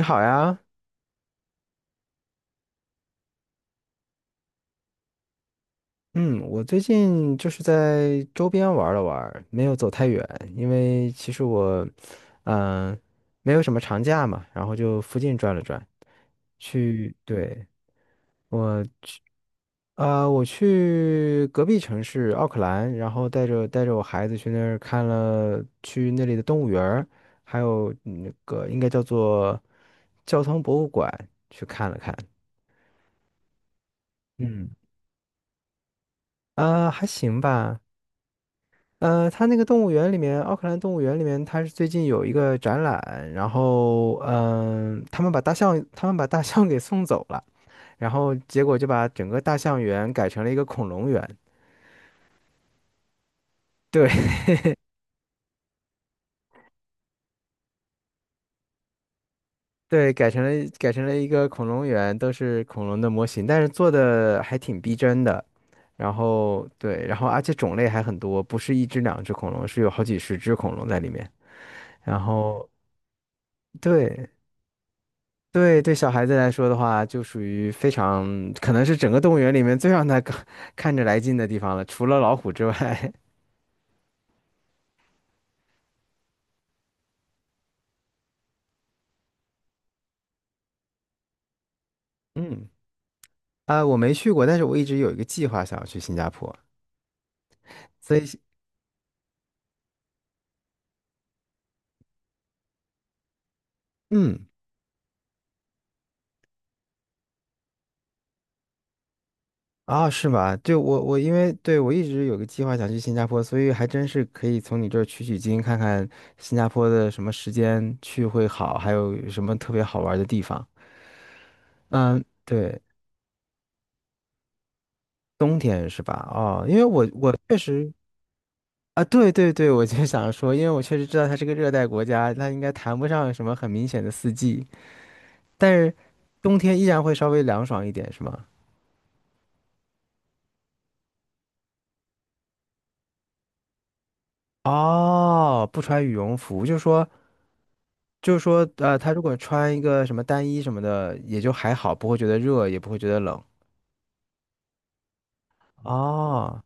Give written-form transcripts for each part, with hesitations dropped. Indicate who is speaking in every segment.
Speaker 1: 你好呀，嗯，我最近就是在周边玩了玩儿没有走太远，因为其实我，嗯、没有什么长假嘛，然后就附近转了转，对，我去，我去隔壁城市奥克兰，然后带着我孩子去那儿看了去那里的动物园儿还有那个应该叫做交通博物馆去看了看，嗯，还行吧。它那个动物园里面，奥克兰动物园里面，它是最近有一个展览，然后，他们把大象给送走了，然后结果就把整个大象园改成了一个恐龙园。对 对，改成了一个恐龙园，都是恐龙的模型，但是做的还挺逼真的。然后对，然后而且种类还很多，不是一只两只恐龙，是有好几十只恐龙在里面。然后对，对对，小孩子来说的话，就属于非常可能是整个动物园里面最让他看着来劲的地方了，除了老虎之外。嗯，啊，我没去过，但是我一直有一个计划想要去新加坡，所以嗯，啊，是吗？对，我因为对我一直有个计划想去新加坡，所以还真是可以从你这儿取取经，看看新加坡的什么时间去会好，还有什么特别好玩的地方。嗯，对，冬天是吧？哦，因为我确实。啊，对对对，我就想说，因为我确实知道它是个热带国家，它应该谈不上什么很明显的四季，但是冬天依然会稍微凉爽一点，是吗？哦，不穿羽绒服，就是说，他如果穿一个什么单衣什么的，也就还好，不会觉得热，也不会觉得冷。哦，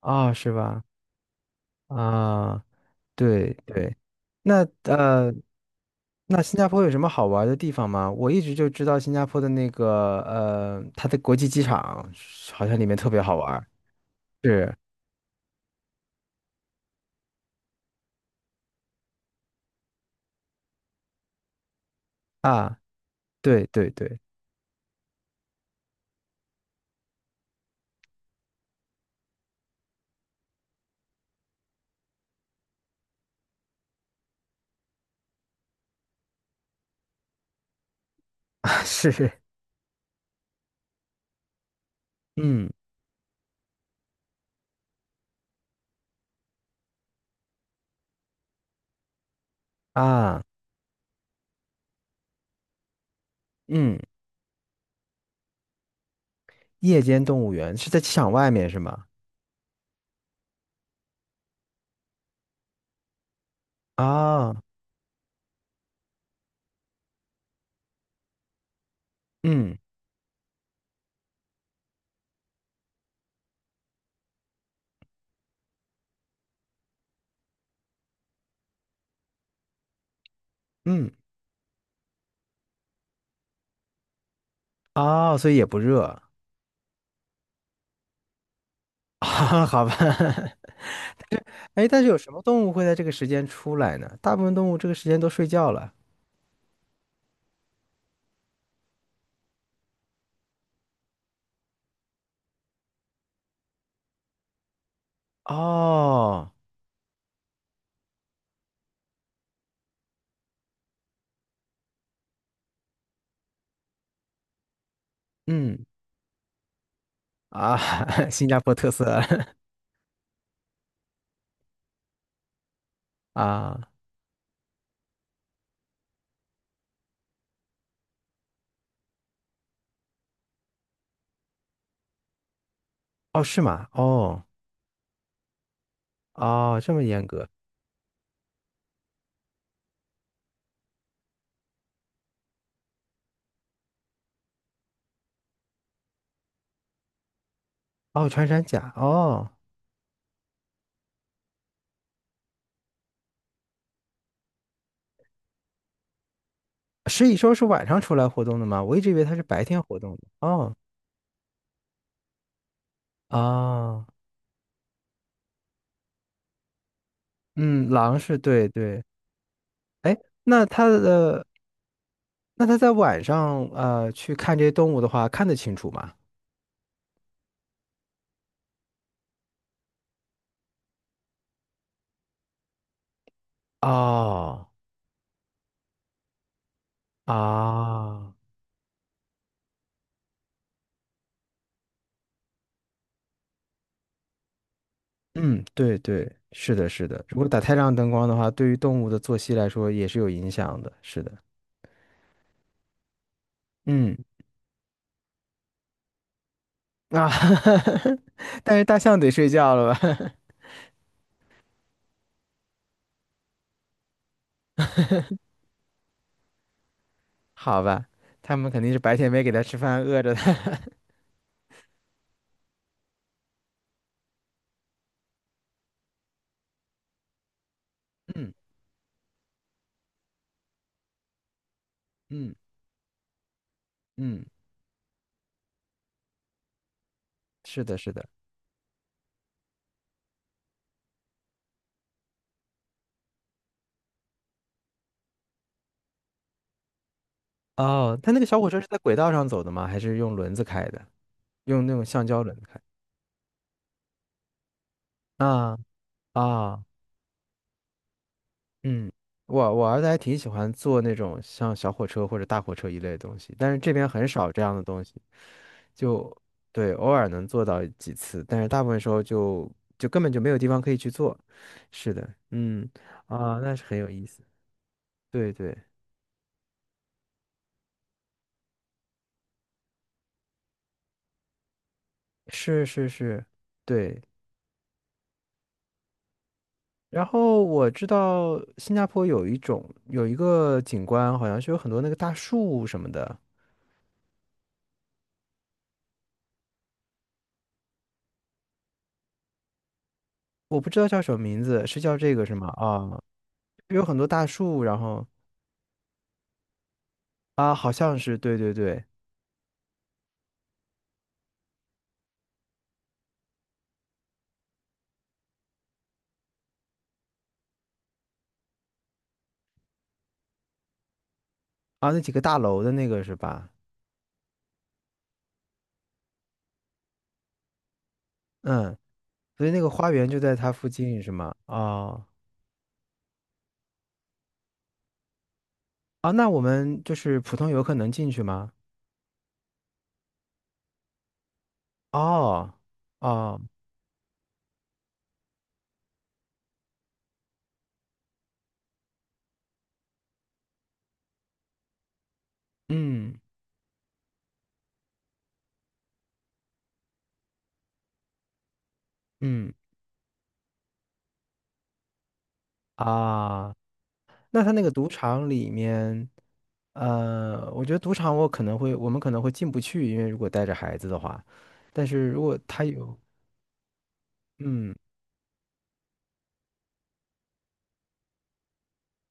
Speaker 1: 哦，是吧？啊，对对，那。那新加坡有什么好玩的地方吗？我一直就知道新加坡的那个它的国际机场好像里面特别好玩儿是啊，对对对，啊是，嗯啊嗯，夜间动物园是在机场外面是吗？啊，嗯嗯，哦，所以也不热 啊好吧。哎，但是有什么动物会在这个时间出来呢？大部分动物这个时间都睡觉了。哦，嗯啊，新加坡特色 啊。哦，是吗？哦，哦，这么严格。哦，穿山甲。哦，食蚁兽是晚上出来活动的吗？我一直以为它是白天活动的。哦，哦，嗯，狼是对对。哎，那它的，那它在晚上去看这些动物的话，看得清楚吗？哦，啊，嗯，对对，是的，是的。如果打太亮灯光的话，对于动物的作息来说也是有影响的。是的，嗯，啊，但是大象得睡觉了吧？好吧，他们肯定是白天没给他吃饭，饿着他。嗯嗯嗯，是的，是的。哦，他那个小火车是在轨道上走的吗？还是用轮子开的？用那种橡胶轮子开？啊啊，嗯，我儿子还挺喜欢坐那种像小火车或者大火车一类的东西，但是这边很少这样的东西，就对，偶尔能坐到几次，但是大部分时候就根本就没有地方可以去坐。是的，嗯啊，那是很有意思。对对。是是是，对。然后我知道新加坡有一个景观，好像是有很多那个大树什么的，我不知道叫什么名字，是叫这个是吗？啊，有很多大树，然后啊，好像是对对对，啊，那几个大楼的那个是吧？嗯，所以那个花园就在它附近是吗？哦，啊，那我们就是普通游客能进去吗？哦，哦，嗯嗯啊，那它那个赌场里面。我觉得赌场我可能会，我们可能会进不去，因为如果带着孩子的话，但是如果他有，嗯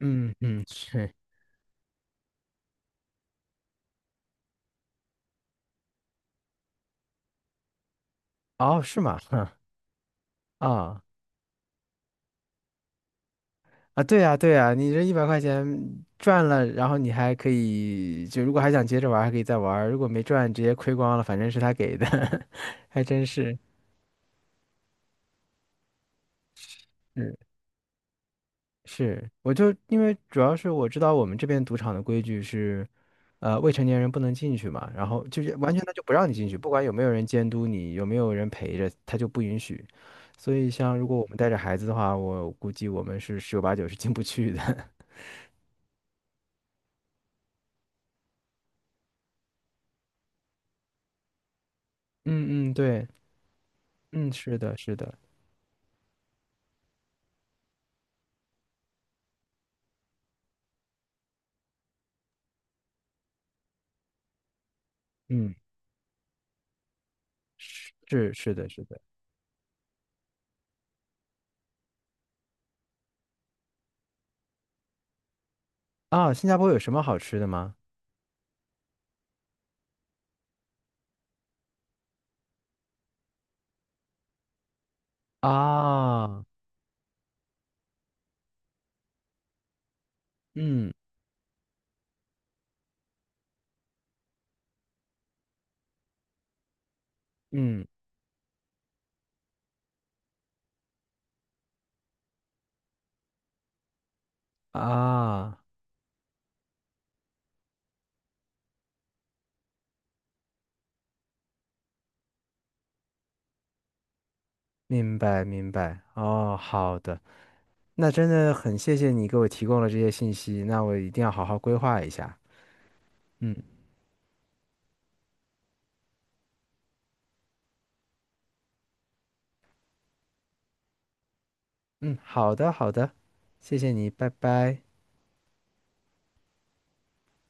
Speaker 1: 嗯嗯，是，哦，是吗？哼啊啊，对呀对呀，你这100块钱赚了，然后你还可以，就如果还想接着玩儿还可以再玩儿如果没赚，直接亏光了，反正是他给的，还真是，嗯，是，我就因为主要是我知道我们这边赌场的规矩是。未成年人不能进去嘛，然后就是完全他就不让你进去，不管有没有人监督你，有没有人陪着，他就不允许。所以像如果我们带着孩子的话，我估计我们是十有八九是进不去的。嗯嗯，对，嗯，是的，是的，嗯，是是的，是的。啊，新加坡有什么好吃的吗？啊，嗯嗯啊，明白明白。哦，好的，那真的很谢谢你给我提供了这些信息，那我一定要好好规划一下。嗯。嗯，好的，好的，谢谢你，拜拜。